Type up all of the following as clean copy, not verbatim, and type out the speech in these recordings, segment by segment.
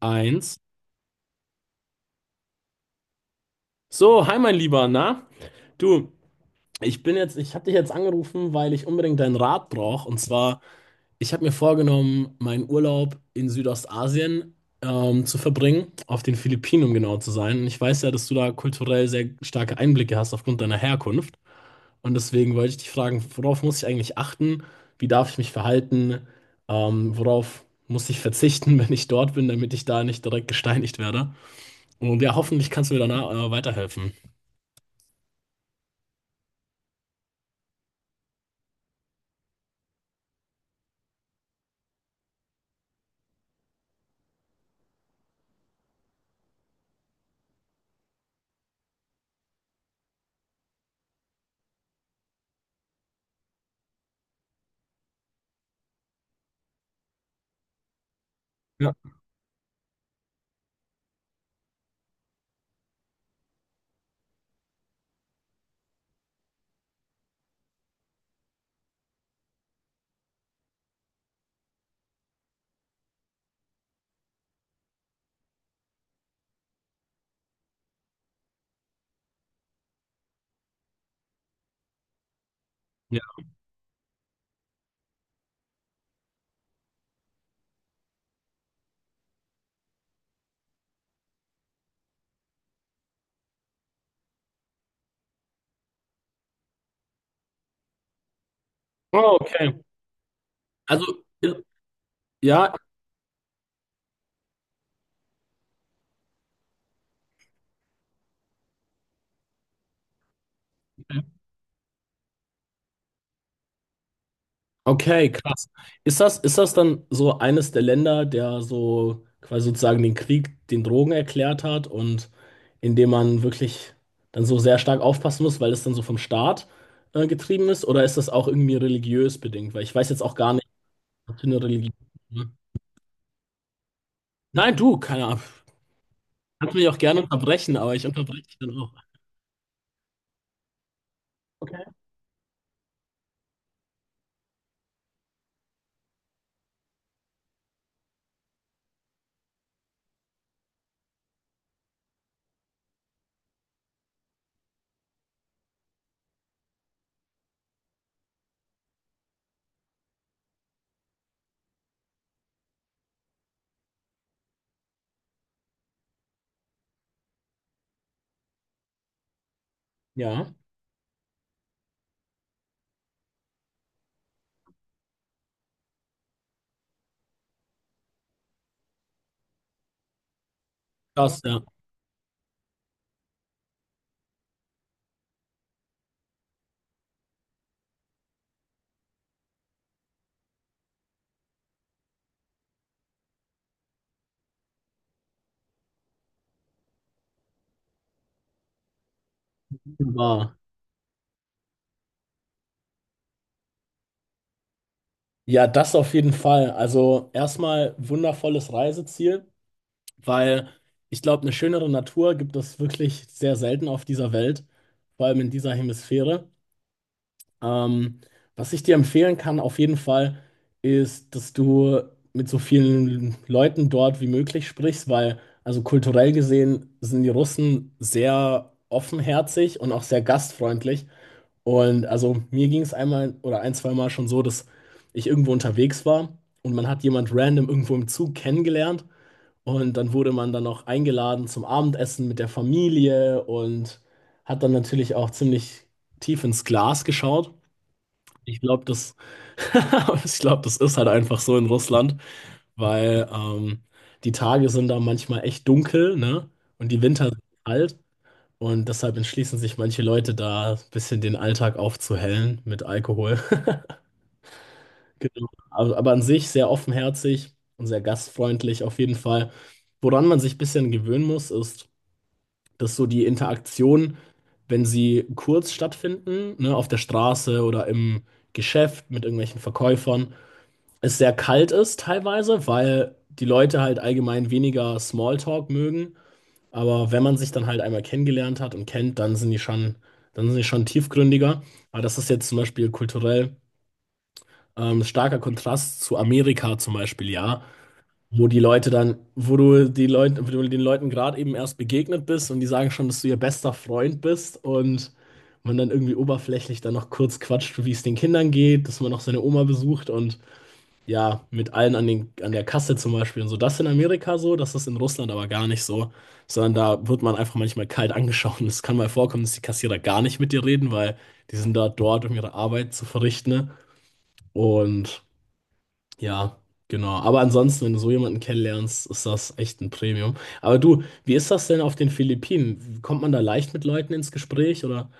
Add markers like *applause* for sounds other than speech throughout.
Eins. So, hi mein Lieber, na? Du, ich habe dich jetzt angerufen, weil ich unbedingt deinen Rat brauche. Und zwar, ich habe mir vorgenommen, meinen Urlaub in Südostasien zu verbringen, auf den Philippinen, um genau zu sein. Und ich weiß ja, dass du da kulturell sehr starke Einblicke hast aufgrund deiner Herkunft. Und deswegen wollte ich dich fragen, worauf muss ich eigentlich achten? Wie darf ich mich verhalten? Worauf muss ich verzichten, *laughs* wenn ich dort bin, damit ich da nicht direkt gesteinigt werde? Und ja, hoffentlich kannst du mir danach weiterhelfen. Ja. Ja. Oh, okay. Also, ja, ja, okay, krass. Ist das dann so eines der Länder, der so quasi sozusagen den Krieg den Drogen erklärt hat und in dem man wirklich dann so sehr stark aufpassen muss, weil es dann so vom Staat getrieben ist? Oder ist das auch irgendwie religiös bedingt? Weil ich weiß jetzt auch gar nicht, was für eine Religion. Nein, du, keine Ahnung. Kannst mich auch gerne unterbrechen, aber ich unterbreche dich dann auch. Okay. Ja, krass, ja. Wunderbar. Ja, das auf jeden Fall. Also erstmal wundervolles Reiseziel, weil ich glaube, eine schönere Natur gibt es wirklich sehr selten auf dieser Welt, vor allem in dieser Hemisphäre. Ähm, Was ich dir empfehlen kann, auf jeden Fall, ist, dass du mit so vielen Leuten dort wie möglich sprichst, weil also kulturell gesehen sind die Russen sehr offenherzig und auch sehr gastfreundlich. Und also mir ging es einmal oder ein, zwei Mal schon so, dass ich irgendwo unterwegs war und man hat jemand random irgendwo im Zug kennengelernt und dann wurde man dann auch eingeladen zum Abendessen mit der Familie und hat dann natürlich auch ziemlich tief ins Glas geschaut. Ich glaube, das, *laughs* ich glaube, das ist halt einfach so in Russland, weil die Tage sind da manchmal echt dunkel, ne? Und die Winter sind kalt. Und deshalb entschließen sich manche Leute da, ein bisschen den Alltag aufzuhellen mit Alkohol. *laughs* Genau. Aber an sich sehr offenherzig und sehr gastfreundlich auf jeden Fall. Woran man sich ein bisschen gewöhnen muss, ist, dass so die Interaktion, wenn sie kurz stattfinden, ne, auf der Straße oder im Geschäft mit irgendwelchen Verkäufern, es sehr kalt ist teilweise, weil die Leute halt allgemein weniger Smalltalk mögen, aber wenn man sich dann halt einmal kennengelernt hat und kennt, dann sind die schon tiefgründiger. Aber das ist jetzt zum Beispiel kulturell starker Kontrast zu Amerika zum Beispiel, ja. Wo die Leute dann, wo du die Leute, wo du den Leuten gerade eben erst begegnet bist und die sagen schon, dass du ihr bester Freund bist und man dann irgendwie oberflächlich dann noch kurz quatscht, wie es den Kindern geht, dass man noch seine Oma besucht und ja, mit allen an der Kasse zum Beispiel und so. Das ist in Amerika so, das ist in Russland aber gar nicht so. Sondern da wird man einfach manchmal kalt angeschaut. Und es kann mal vorkommen, dass die Kassierer gar nicht mit dir reden, weil die sind da dort, um ihre Arbeit zu verrichten. Ne? Und ja, genau. Aber ansonsten, wenn du so jemanden kennenlernst, ist das echt ein Premium. Aber du, wie ist das denn auf den Philippinen? Kommt man da leicht mit Leuten ins Gespräch oder?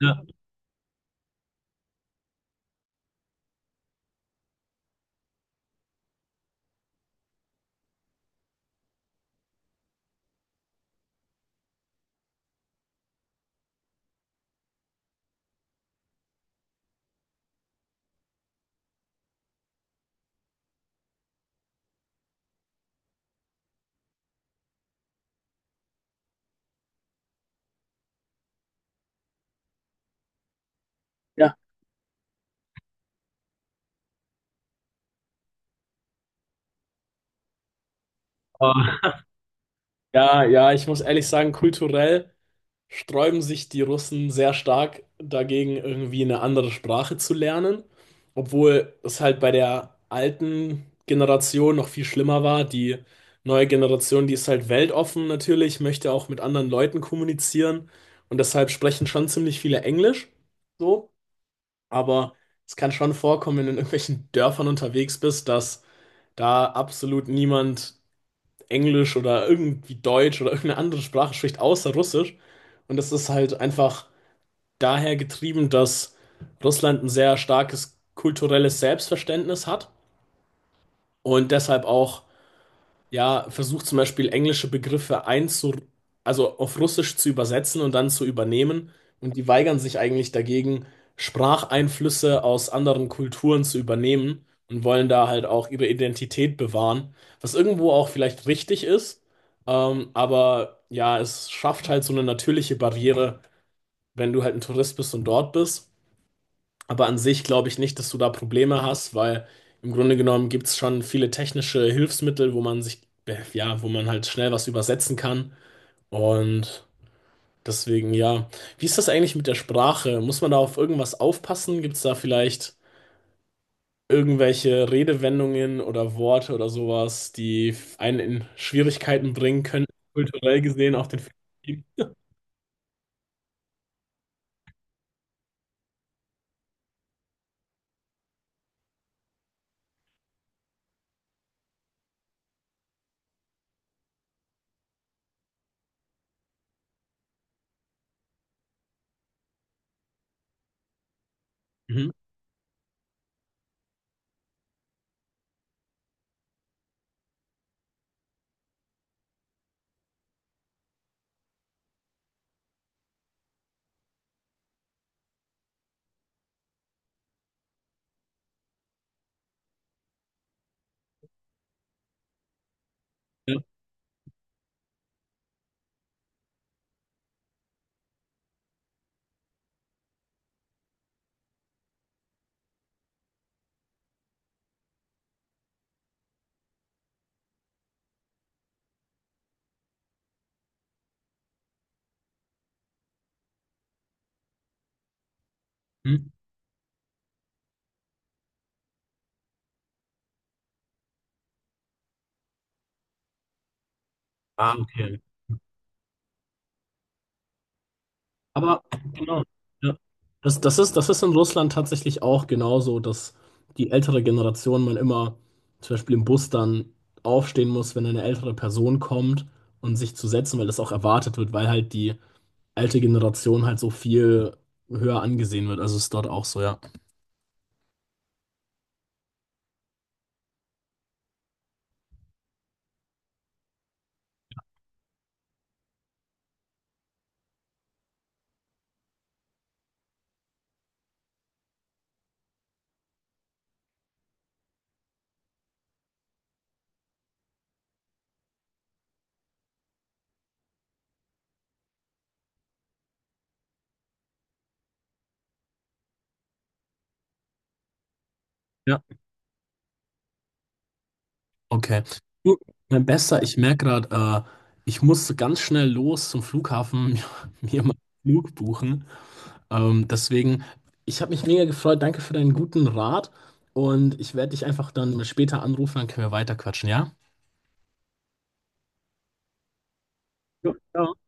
Ja, ja. Ah, ja, ich muss ehrlich sagen, kulturell sträuben sich die Russen sehr stark dagegen, irgendwie eine andere Sprache zu lernen, obwohl es halt bei der alten Generation noch viel schlimmer war. Die neue Generation, die ist halt weltoffen natürlich, möchte auch mit anderen Leuten kommunizieren und deshalb sprechen schon ziemlich viele Englisch, so, aber es kann schon vorkommen, wenn du in irgendwelchen Dörfern unterwegs bist, dass da absolut niemand Englisch oder irgendwie Deutsch oder irgendeine andere Sprache spricht, außer Russisch. Und das ist halt einfach daher getrieben, dass Russland ein sehr starkes kulturelles Selbstverständnis hat und deshalb auch ja, versucht zum Beispiel also auf Russisch zu übersetzen und dann zu übernehmen. Und die weigern sich eigentlich dagegen, Spracheinflüsse aus anderen Kulturen zu übernehmen und wollen da halt auch ihre Identität bewahren, was irgendwo auch vielleicht richtig ist. Aber ja, es schafft halt so eine natürliche Barriere, wenn du halt ein Tourist bist und dort bist. Aber an sich glaube ich nicht, dass du da Probleme hast, weil im Grunde genommen gibt es schon viele technische Hilfsmittel, ja, wo man halt schnell was übersetzen kann. Und deswegen, ja. Wie ist das eigentlich mit der Sprache? Muss man da auf irgendwas aufpassen? Gibt es da vielleicht irgendwelche Redewendungen oder Worte oder sowas, die einen in Schwierigkeiten bringen können, kulturell gesehen, auf den Film? Mhm. Ja. Mhm. Ah, okay. Aber genau, ja. Das ist in Russland tatsächlich auch genauso, dass die ältere Generation man immer zum Beispiel im Bus dann aufstehen muss, wenn eine ältere Person kommt und sich zu setzen, weil das auch erwartet wird, weil halt die alte Generation halt so viel höher angesehen wird. Also ist dort auch so, ja. Ja. Okay. Du, mein Bester, ich merke gerade, ich muss ganz schnell los zum Flughafen *laughs* mir mal einen Flug buchen. Deswegen, ich habe mich mega gefreut. Danke für deinen guten Rat. Und ich werde dich einfach dann später anrufen, dann können wir weiterquatschen, ja? Ja, ja.